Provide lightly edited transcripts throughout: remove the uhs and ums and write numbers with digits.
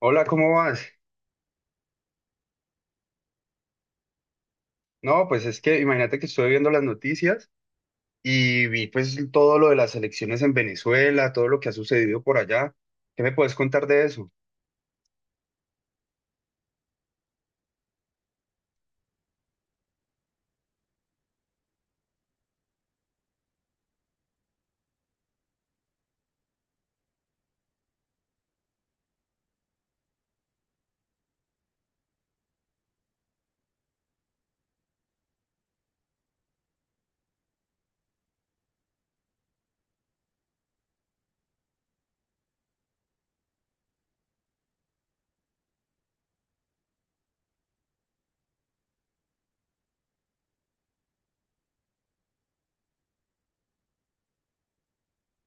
Hola, ¿cómo vas? No, pues es que imagínate que estuve viendo las noticias y vi pues todo lo de las elecciones en Venezuela, todo lo que ha sucedido por allá. ¿Qué me puedes contar de eso?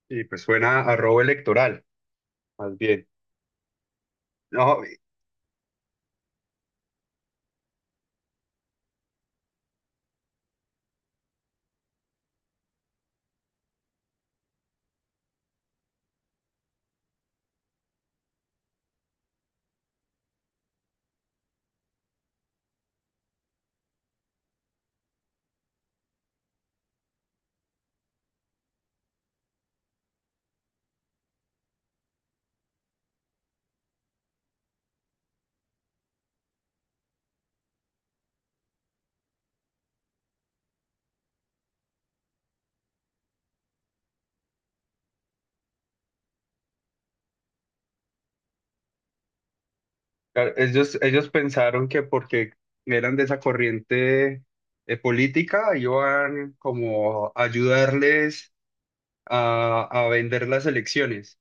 Y pues suena a robo electoral, más bien. No, claro, ellos pensaron que porque eran de esa corriente política iban como a ayudarles a vender las elecciones.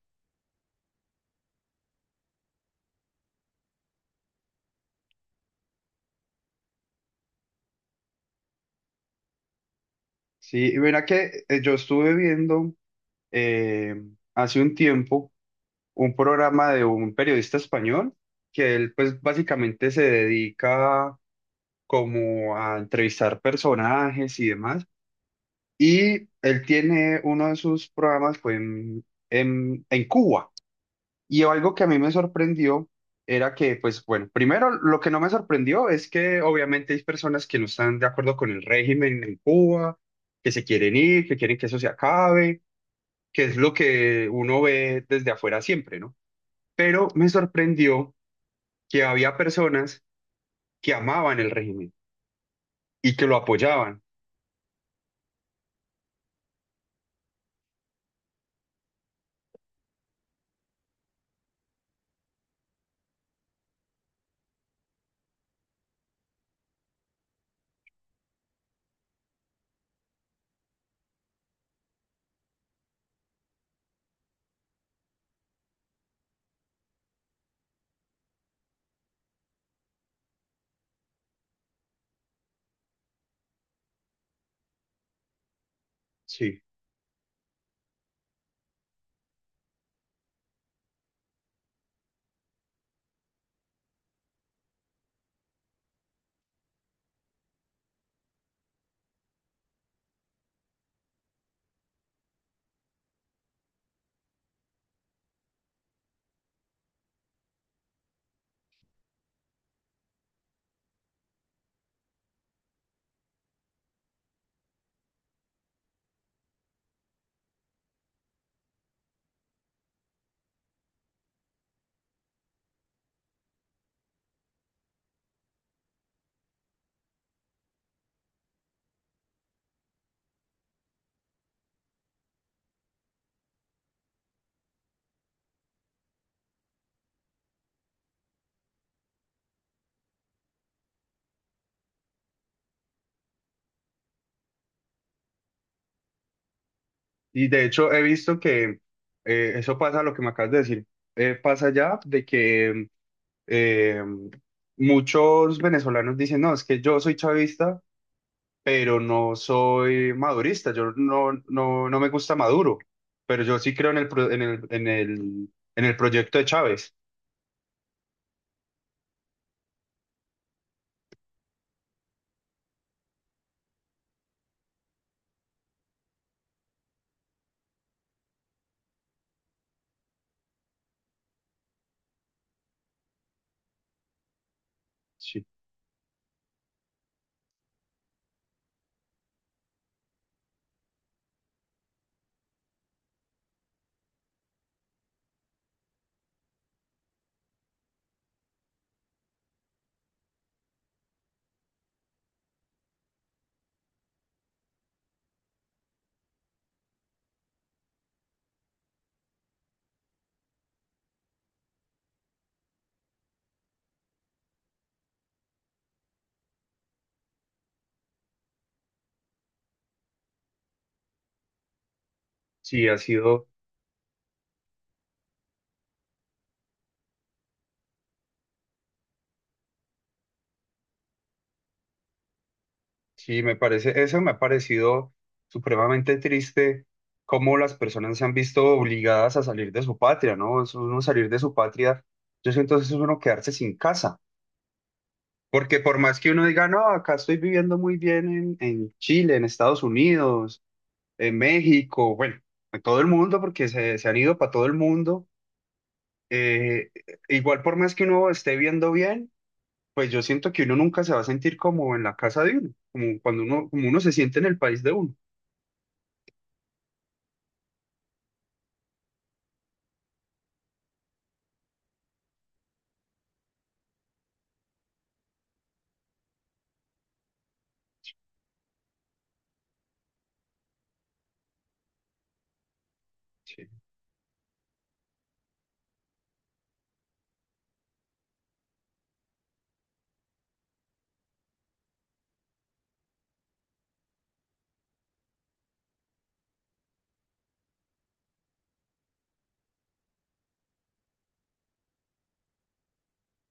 Sí, y mira que yo estuve viendo eh, hace un tiempo un programa de un periodista español que él pues básicamente se dedica como a entrevistar personajes y demás. Y él tiene uno de sus programas fue en Cuba. Y algo que a mí me sorprendió era que pues bueno, primero lo que no me sorprendió es que obviamente hay personas que no están de acuerdo con el régimen en Cuba, que se quieren ir, que quieren que eso se acabe, que es lo que uno ve desde afuera siempre, ¿no? Pero me sorprendió que había personas que amaban el régimen y que lo apoyaban, sí. Y de hecho he visto que eso pasa, lo que me acabas de decir, pasa ya de que eh, muchos venezolanos dicen, no, es que yo soy chavista, pero no soy madurista, yo no me gusta Maduro, pero yo sí creo en el proyecto de Chávez, sí. Sí, ha sido. Sí, me parece, eso me ha parecido supremamente triste, cómo las personas se han visto obligadas a salir de su patria, ¿no? Es uno salir de su patria, yo siento que es uno quedarse sin casa, porque por más que uno diga, no, acá estoy viviendo muy bien en Chile, en Estados Unidos, en México, bueno, en todo el mundo, porque se han ido para todo el mundo, eh, igual por más que uno esté viendo bien, pues yo siento que uno nunca se va a sentir como en la casa de uno, como cuando uno, como uno se siente en el país de uno. Sí.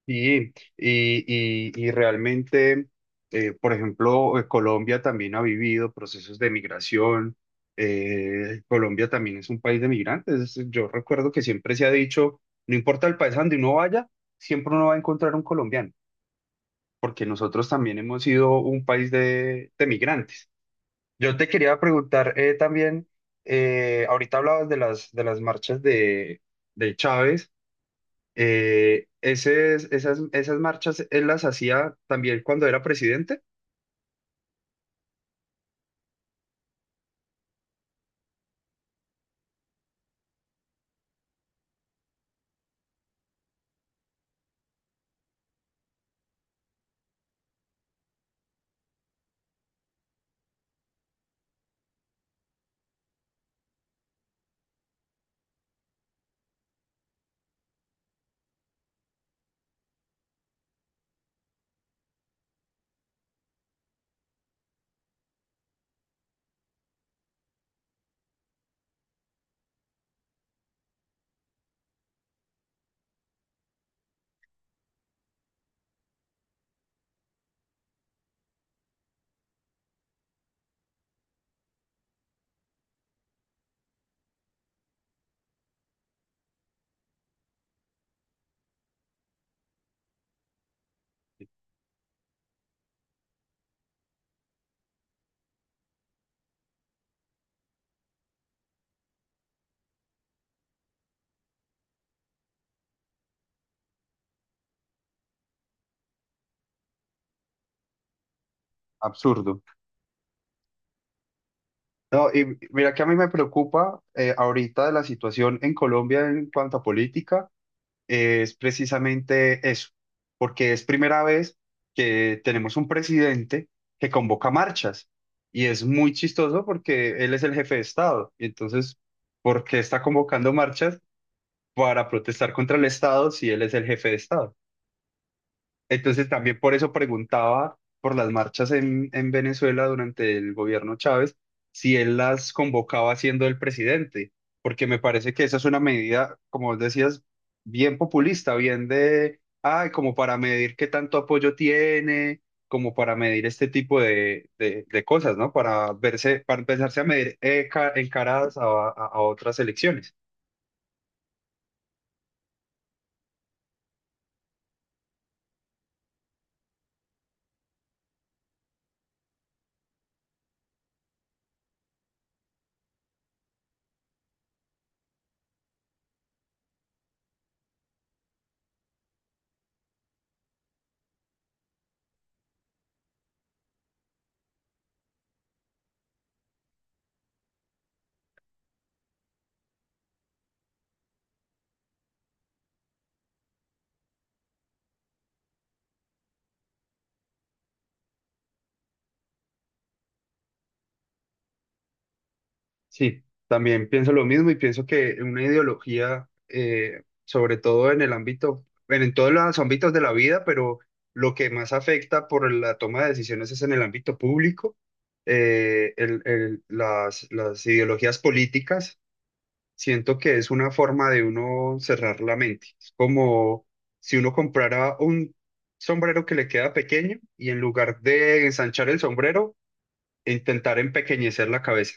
Sí, y realmente, por ejemplo, Colombia también ha vivido procesos de migración. Eh, Colombia también es un país de migrantes. Yo recuerdo que siempre se ha dicho, no importa el país a donde uno vaya, siempre uno va a encontrar un colombiano, porque nosotros también hemos sido un país de migrantes. Yo te quería preguntar también, ahorita hablabas de las marchas de Chávez esas marchas él las hacía también cuando era presidente. Absurdo. No, y mira que a mí me preocupa ahorita de la situación en Colombia en cuanto a política, es precisamente eso, porque es primera vez que tenemos un presidente que convoca marchas y es muy chistoso porque él es el jefe de Estado. Y entonces, ¿por qué está convocando marchas para protestar contra el Estado si él es el jefe de Estado? Entonces también por eso preguntaba por las marchas en Venezuela durante el gobierno Chávez, si él las convocaba siendo el presidente, porque me parece que esa es una medida, como vos decías, bien populista, bien de, ay, como para medir qué tanto apoyo tiene, como para medir este tipo de cosas, ¿no? Para verse, para empezarse a medir en caras a otras elecciones. Sí, también pienso lo mismo y pienso que una ideología, sobre todo en el ámbito, bueno, en todos los ámbitos de la vida, pero lo que más afecta por la toma de decisiones es en el ámbito público. Las las ideologías políticas, siento que es una forma de uno cerrar la mente. Es como si uno comprara un sombrero que le queda pequeño y en lugar de ensanchar el sombrero, intentar empequeñecer la cabeza.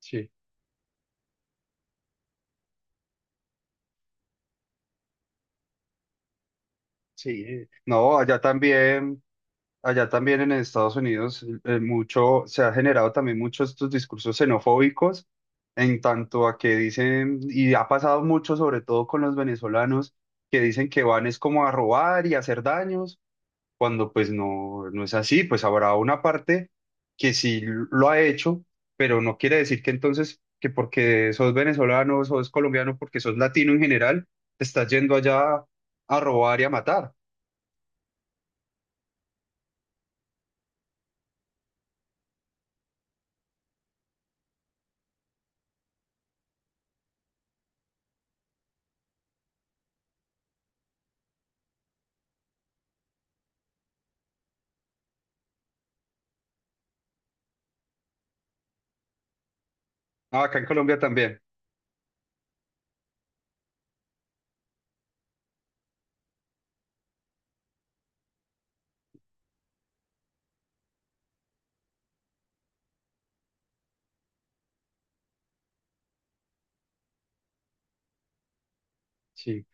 Sí. Sí, no, allá también en Estados Unidos mucho, se ha generado también muchos estos discursos xenofóbicos en tanto a que dicen, y ha pasado mucho sobre todo con los venezolanos, que dicen que van es como a robar y a hacer daños, cuando pues no, no es así, pues habrá una parte que sí lo ha hecho, pero no quiere decir que entonces, que porque sos venezolano, sos colombiano, porque sos latino en general, te estás yendo allá a robar y a matar. Ah, acá en Colombia también. Sí,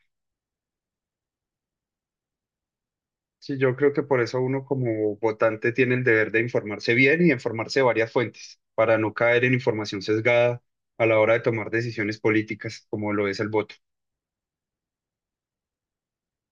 sí, yo creo que por eso uno como votante tiene el deber de informarse bien y informarse de varias fuentes, para no caer en información sesgada a la hora de tomar decisiones políticas, como lo es el voto.